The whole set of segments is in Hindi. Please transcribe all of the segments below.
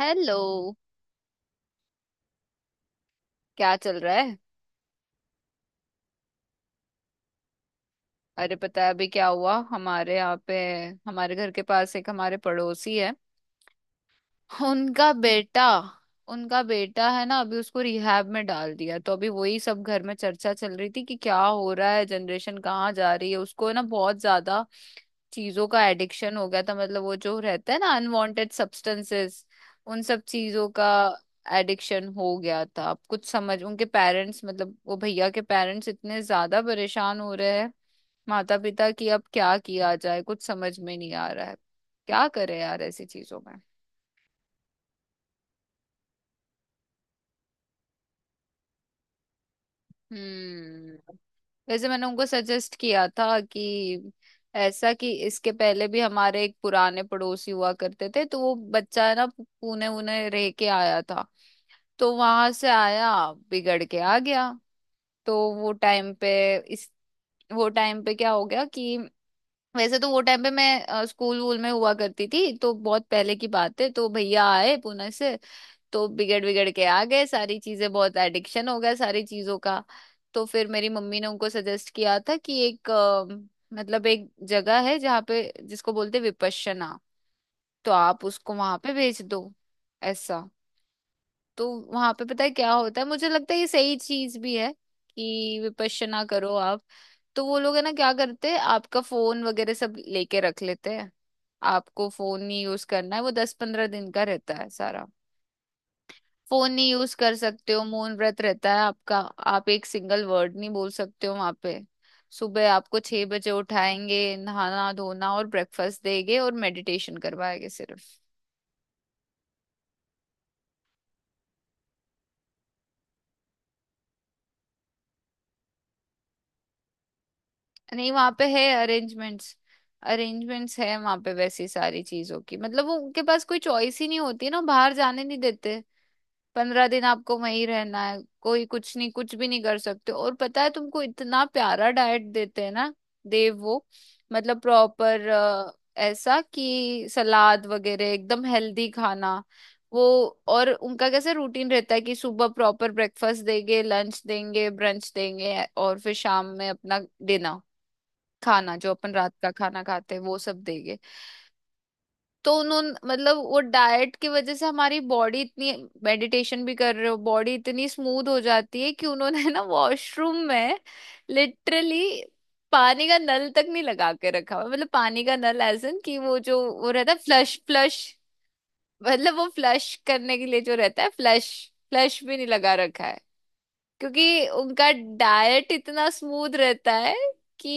हेलो। क्या चल रहा है? अरे पता है अभी क्या हुआ हमारे यहाँ पे। हमारे घर के पास एक हमारे पड़ोसी है, उनका बेटा। उनका बेटा है ना, अभी उसको रिहैब में डाल दिया। तो अभी वही सब घर में चर्चा चल रही थी कि क्या हो रहा है, जनरेशन कहाँ जा रही है। उसको ना बहुत ज्यादा चीजों का एडिक्शन हो गया था, मतलब वो जो रहता है ना, अनवांटेड सब्सटेंसेस, उन सब चीजों का एडिक्शन हो गया था। अब कुछ समझ उनके पेरेंट्स, मतलब वो भैया के पेरेंट्स इतने ज्यादा परेशान हो रहे हैं, माता पिता, कि अब क्या किया जाए कुछ समझ में नहीं आ रहा है। क्या करे यार ऐसी चीजों में। हम्म। वैसे मैंने उनको सजेस्ट किया था कि ऐसा कि इसके पहले भी हमारे एक पुराने पड़ोसी हुआ करते थे, तो वो बच्चा है ना, पुणे उन्हें रह के आया था। तो वहां से आया, बिगड़ के आ गया। तो वो टाइम पे इस वो टाइम पे क्या हो गया कि, वैसे तो वो टाइम पे मैं स्कूल वूल में हुआ करती थी, तो बहुत पहले की बात है। तो भैया आए पुणे से, तो बिगड़ बिगड़ के आ गए, सारी चीजें, बहुत एडिक्शन हो गया सारी चीजों का। तो फिर मेरी मम्मी ने उनको सजेस्ट किया था कि एक मतलब एक जगह है जहाँ पे, जिसको बोलते हैं विपश्यना, तो आप उसको वहां पे भेज दो, ऐसा। तो वहां पे पता है क्या होता है, मुझे लगता है ये सही चीज भी है, कि विपश्यना करो आप। तो वो लोग है ना, क्या करते हैं, आपका फोन वगैरह सब लेके रख लेते हैं। आपको फोन नहीं यूज करना है, वो 10-15 दिन का रहता है सारा। फोन नहीं यूज कर सकते हो, मौन व्रत रहता है आपका। आप एक सिंगल वर्ड नहीं बोल सकते हो वहां पे। सुबह आपको 6 बजे उठाएंगे, नहाना धोना और ब्रेकफास्ट देंगे और मेडिटेशन करवाएंगे सिर्फ। नहीं वहां पे है अरेंजमेंट्स, अरेंजमेंट्स है वहां पे वैसी सारी चीजों की, मतलब वो उनके पास कोई चॉइस ही नहीं होती है ना, बाहर जाने नहीं देते। 15 दिन आपको वहीं रहना है, कोई कुछ नहीं, कुछ भी नहीं कर सकते। और पता है तुमको इतना प्यारा डाइट देते हैं ना। देव वो मतलब प्रॉपर, ऐसा कि सलाद वगैरह, एकदम हेल्दी खाना वो। और उनका कैसे रूटीन रहता है कि सुबह प्रॉपर ब्रेकफास्ट देंगे, लंच देंगे, ब्रंच देंगे, और फिर शाम में अपना डिनर, खाना जो अपन रात का खाना खाते हैं वो सब देंगे। तो उन्होंने, मतलब वो डाइट की वजह से हमारी बॉडी इतनी, मेडिटेशन भी कर रहे हो, बॉडी इतनी स्मूथ हो जाती है कि उन्होंने ना वॉशरूम में लिटरली पानी का नल तक नहीं लगा के रखा हुआ, मतलब पानी का नल एज इन कि वो जो वो रहता है फ्लश। फ्लश, मतलब वो फ्लश करने के लिए जो रहता है फ्लश, फ्लश भी नहीं लगा रखा है, क्योंकि उनका डाइट इतना स्मूथ रहता है कि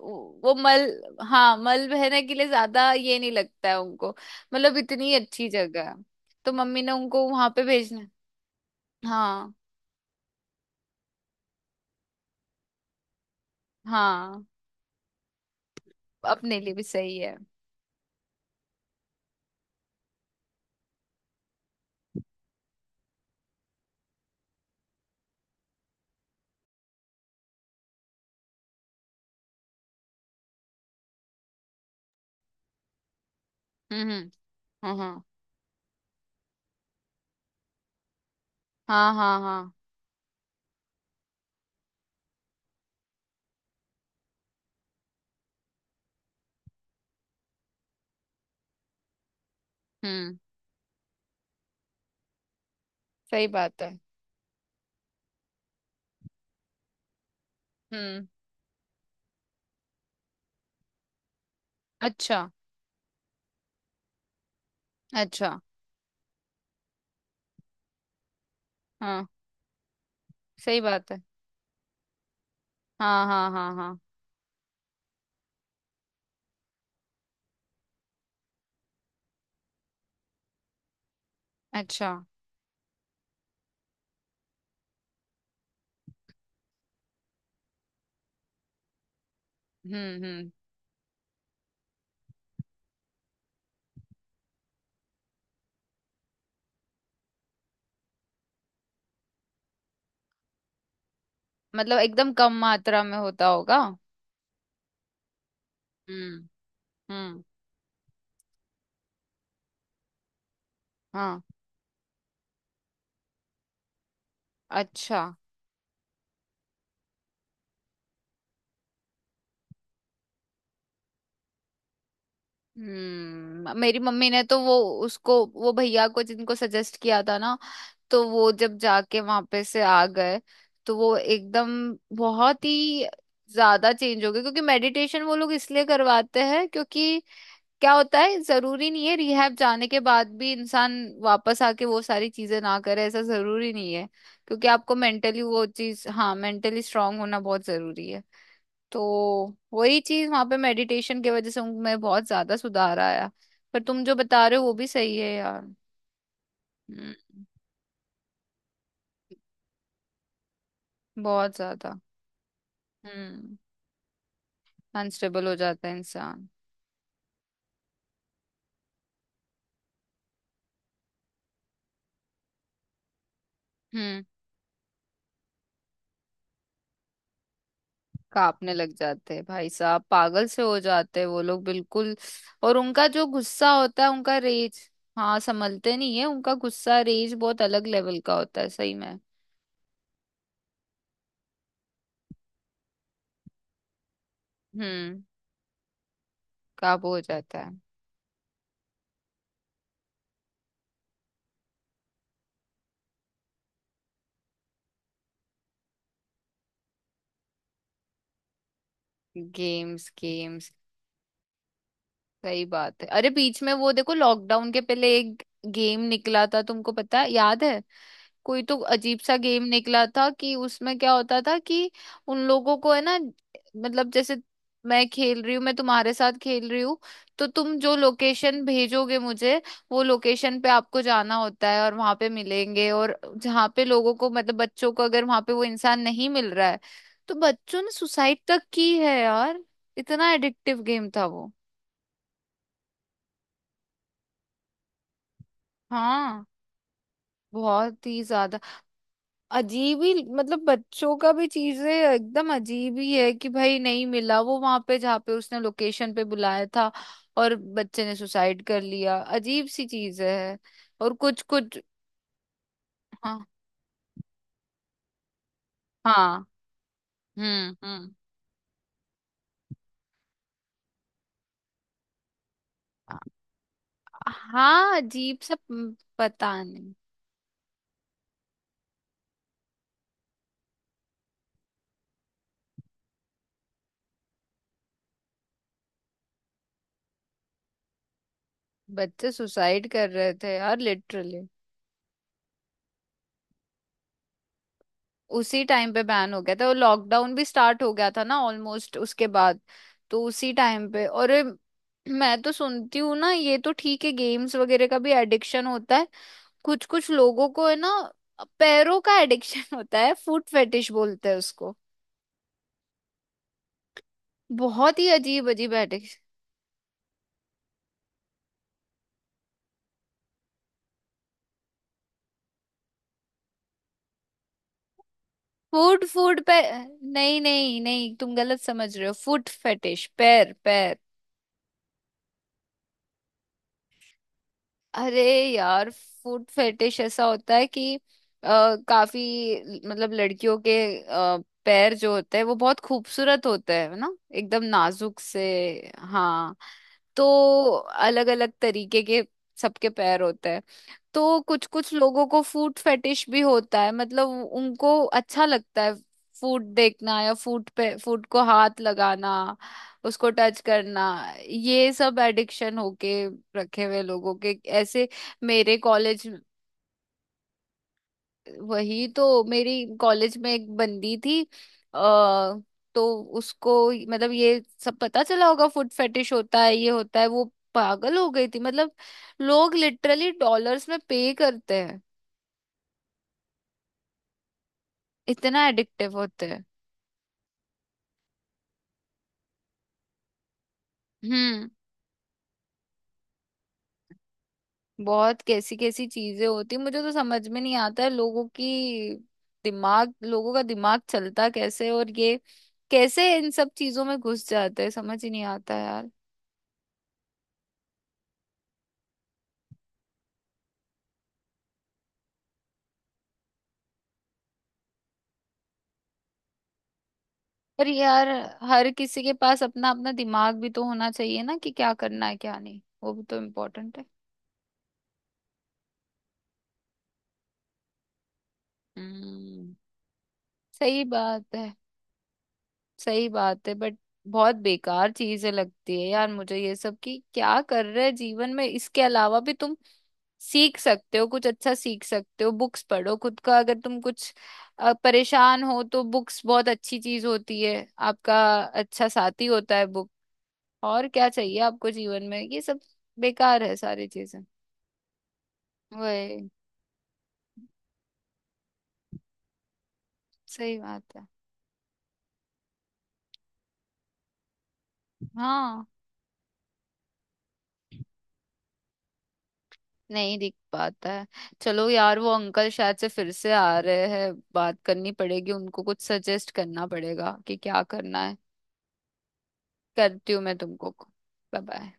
वो मल, हाँ मल बहने के लिए ज्यादा ये नहीं लगता है उनको, मतलब इतनी अच्छी जगह है। तो मम्मी ने उनको वहां पे भेजना है। हाँ हाँ। अपने लिए भी सही है। हम्म, हम्म। हाँ हाँ हाँ, हाँ हाँ। हम्म। सही बात है। हम्म। अच्छा, अच्छा। हाँ, सही बात है। हाँ हाँ हाँ हाँ। अच्छा। हम्म, हम्म। मतलब एकदम कम मात्रा में होता होगा। हम्म, हम्म। हाँ। अच्छा। हम्म। मेरी मम्मी ने तो वो, उसको, वो भैया को जिनको सजेस्ट किया था ना, तो वो जब जाके वहां पे से आ गए, तो वो एकदम बहुत ही ज्यादा चेंज हो गए, क्योंकि मेडिटेशन वो लोग इसलिए करवाते हैं, क्योंकि क्या होता है, जरूरी नहीं है रिहैब जाने के बाद भी इंसान वापस आके वो सारी चीजें ना करे, ऐसा जरूरी नहीं है। क्योंकि आपको मेंटली वो चीज, हाँ, मेंटली स्ट्रांग होना बहुत जरूरी है। तो वही चीज वहां पे मेडिटेशन की वजह से उनमें बहुत ज्यादा सुधार आया। पर तुम जो बता रहे हो वो भी सही है यार। हम्म। बहुत ज्यादा। हम्म। अनस्टेबल हो जाता है इंसान। हम्म। कांपने लग जाते हैं, भाई साहब पागल से हो जाते हैं वो लोग बिल्कुल। और उनका जो गुस्सा होता है, उनका रेज, हाँ संभलते नहीं है, उनका गुस्सा, रेज बहुत अलग लेवल का होता है सही में। हम्म। काबू हो जाता है। Games, games. सही बात है। अरे बीच में वो देखो, लॉकडाउन के पहले एक गेम निकला था तुमको पता है, याद है? कोई तो अजीब सा गेम निकला था कि उसमें क्या होता था कि, उन लोगों को है ना, मतलब जैसे मैं खेल रही हूँ, मैं तुम्हारे साथ खेल रही हूँ, तो तुम जो लोकेशन भेजोगे मुझे, वो लोकेशन पे आपको जाना होता है और वहां पे मिलेंगे, और जहाँ पे लोगों को, मतलब बच्चों को, अगर वहां पे वो इंसान नहीं मिल रहा है तो बच्चों ने सुसाइड तक की है यार। इतना एडिक्टिव गेम था वो। हाँ। बहुत ही ज्यादा। अजीब ही, मतलब बच्चों का भी, चीजें एकदम अजीब ही है कि भाई नहीं मिला वो वहां पे जहाँ पे उसने लोकेशन पे बुलाया था, और बच्चे ने सुसाइड कर लिया, अजीब सी चीज है। और कुछ कुछ, हाँ हाँ, हम्म, हाँ, अजीब सा, पता नहीं। बच्चे सुसाइड कर रहे थे यार लिटरली। उसी टाइम पे बैन हो गया था, और लॉकडाउन भी स्टार्ट हो गया था ना ऑलमोस्ट उसके बाद, तो उसी टाइम पे। और मैं तो सुनती हूँ ना, ये तो ठीक है, गेम्स वगैरह का भी एडिक्शन होता है, कुछ कुछ लोगों को है ना पैरों का एडिक्शन होता है, फूड फेटिश बोलते हैं उसको, बहुत ही अजीब अजीब एडिक्शन। फूड, फूड पे। नहीं नहीं नहीं, तुम गलत समझ रहे हो, फूड फेटिश, पैर पैर। अरे यार, फूड फेटिश ऐसा होता है कि काफी, मतलब लड़कियों के अ, पैर जो होते हैं वो बहुत खूबसूरत होते हैं, है ना, एकदम नाजुक से। हाँ। तो अलग अलग तरीके के सबके पैर होते हैं, तो कुछ कुछ लोगों को फूड फेटिश भी होता है, मतलब उनको अच्छा लगता है फूड देखना, या फूड पे, फूड को हाथ लगाना, उसको टच करना। ये सब एडिक्शन होके रखे हुए लोगों के ऐसे। मेरे कॉलेज वही तो, मेरी कॉलेज में एक बंदी थी, तो उसको, मतलब ये सब पता चला होगा, फुट फेटिश होता है, ये होता है वो, पागल हो गई थी, मतलब लोग लिटरली डॉलर्स में पे करते हैं, इतना एडिक्टिव होते हैं। हम्म। बहुत कैसी कैसी चीजें होती, मुझे तो समझ में नहीं आता है लोगों की, दिमाग लोगों का दिमाग चलता कैसे, और ये कैसे इन सब चीजों में घुस जाते हैं, समझ ही नहीं आता यार। पर यार, हर किसी के पास अपना अपना दिमाग भी तो होना चाहिए ना कि क्या करना है क्या नहीं, वो भी तो इम्पोर्टेंट है। हम्म। सही बात है। सही बात है, बट बहुत बेकार चीजें लगती है यार मुझे ये सब, कि क्या कर रहे हैं जीवन में, इसके अलावा भी तुम सीख सकते हो, कुछ अच्छा सीख सकते हो, बुक्स पढ़ो, खुद का अगर तुम कुछ परेशान हो तो बुक्स बहुत अच्छी चीज होती है, आपका अच्छा साथी होता है बुक। और क्या चाहिए आपको जीवन में, ये सब बेकार है सारी चीजें। वही, सही बात है। हाँ, नहीं दिख पाता है। चलो यार, वो अंकल शायद से फिर से आ रहे हैं, बात करनी पड़ेगी, उनको कुछ सजेस्ट करना पड़ेगा कि क्या करना है। करती हूँ मैं तुमको, बाय बाय।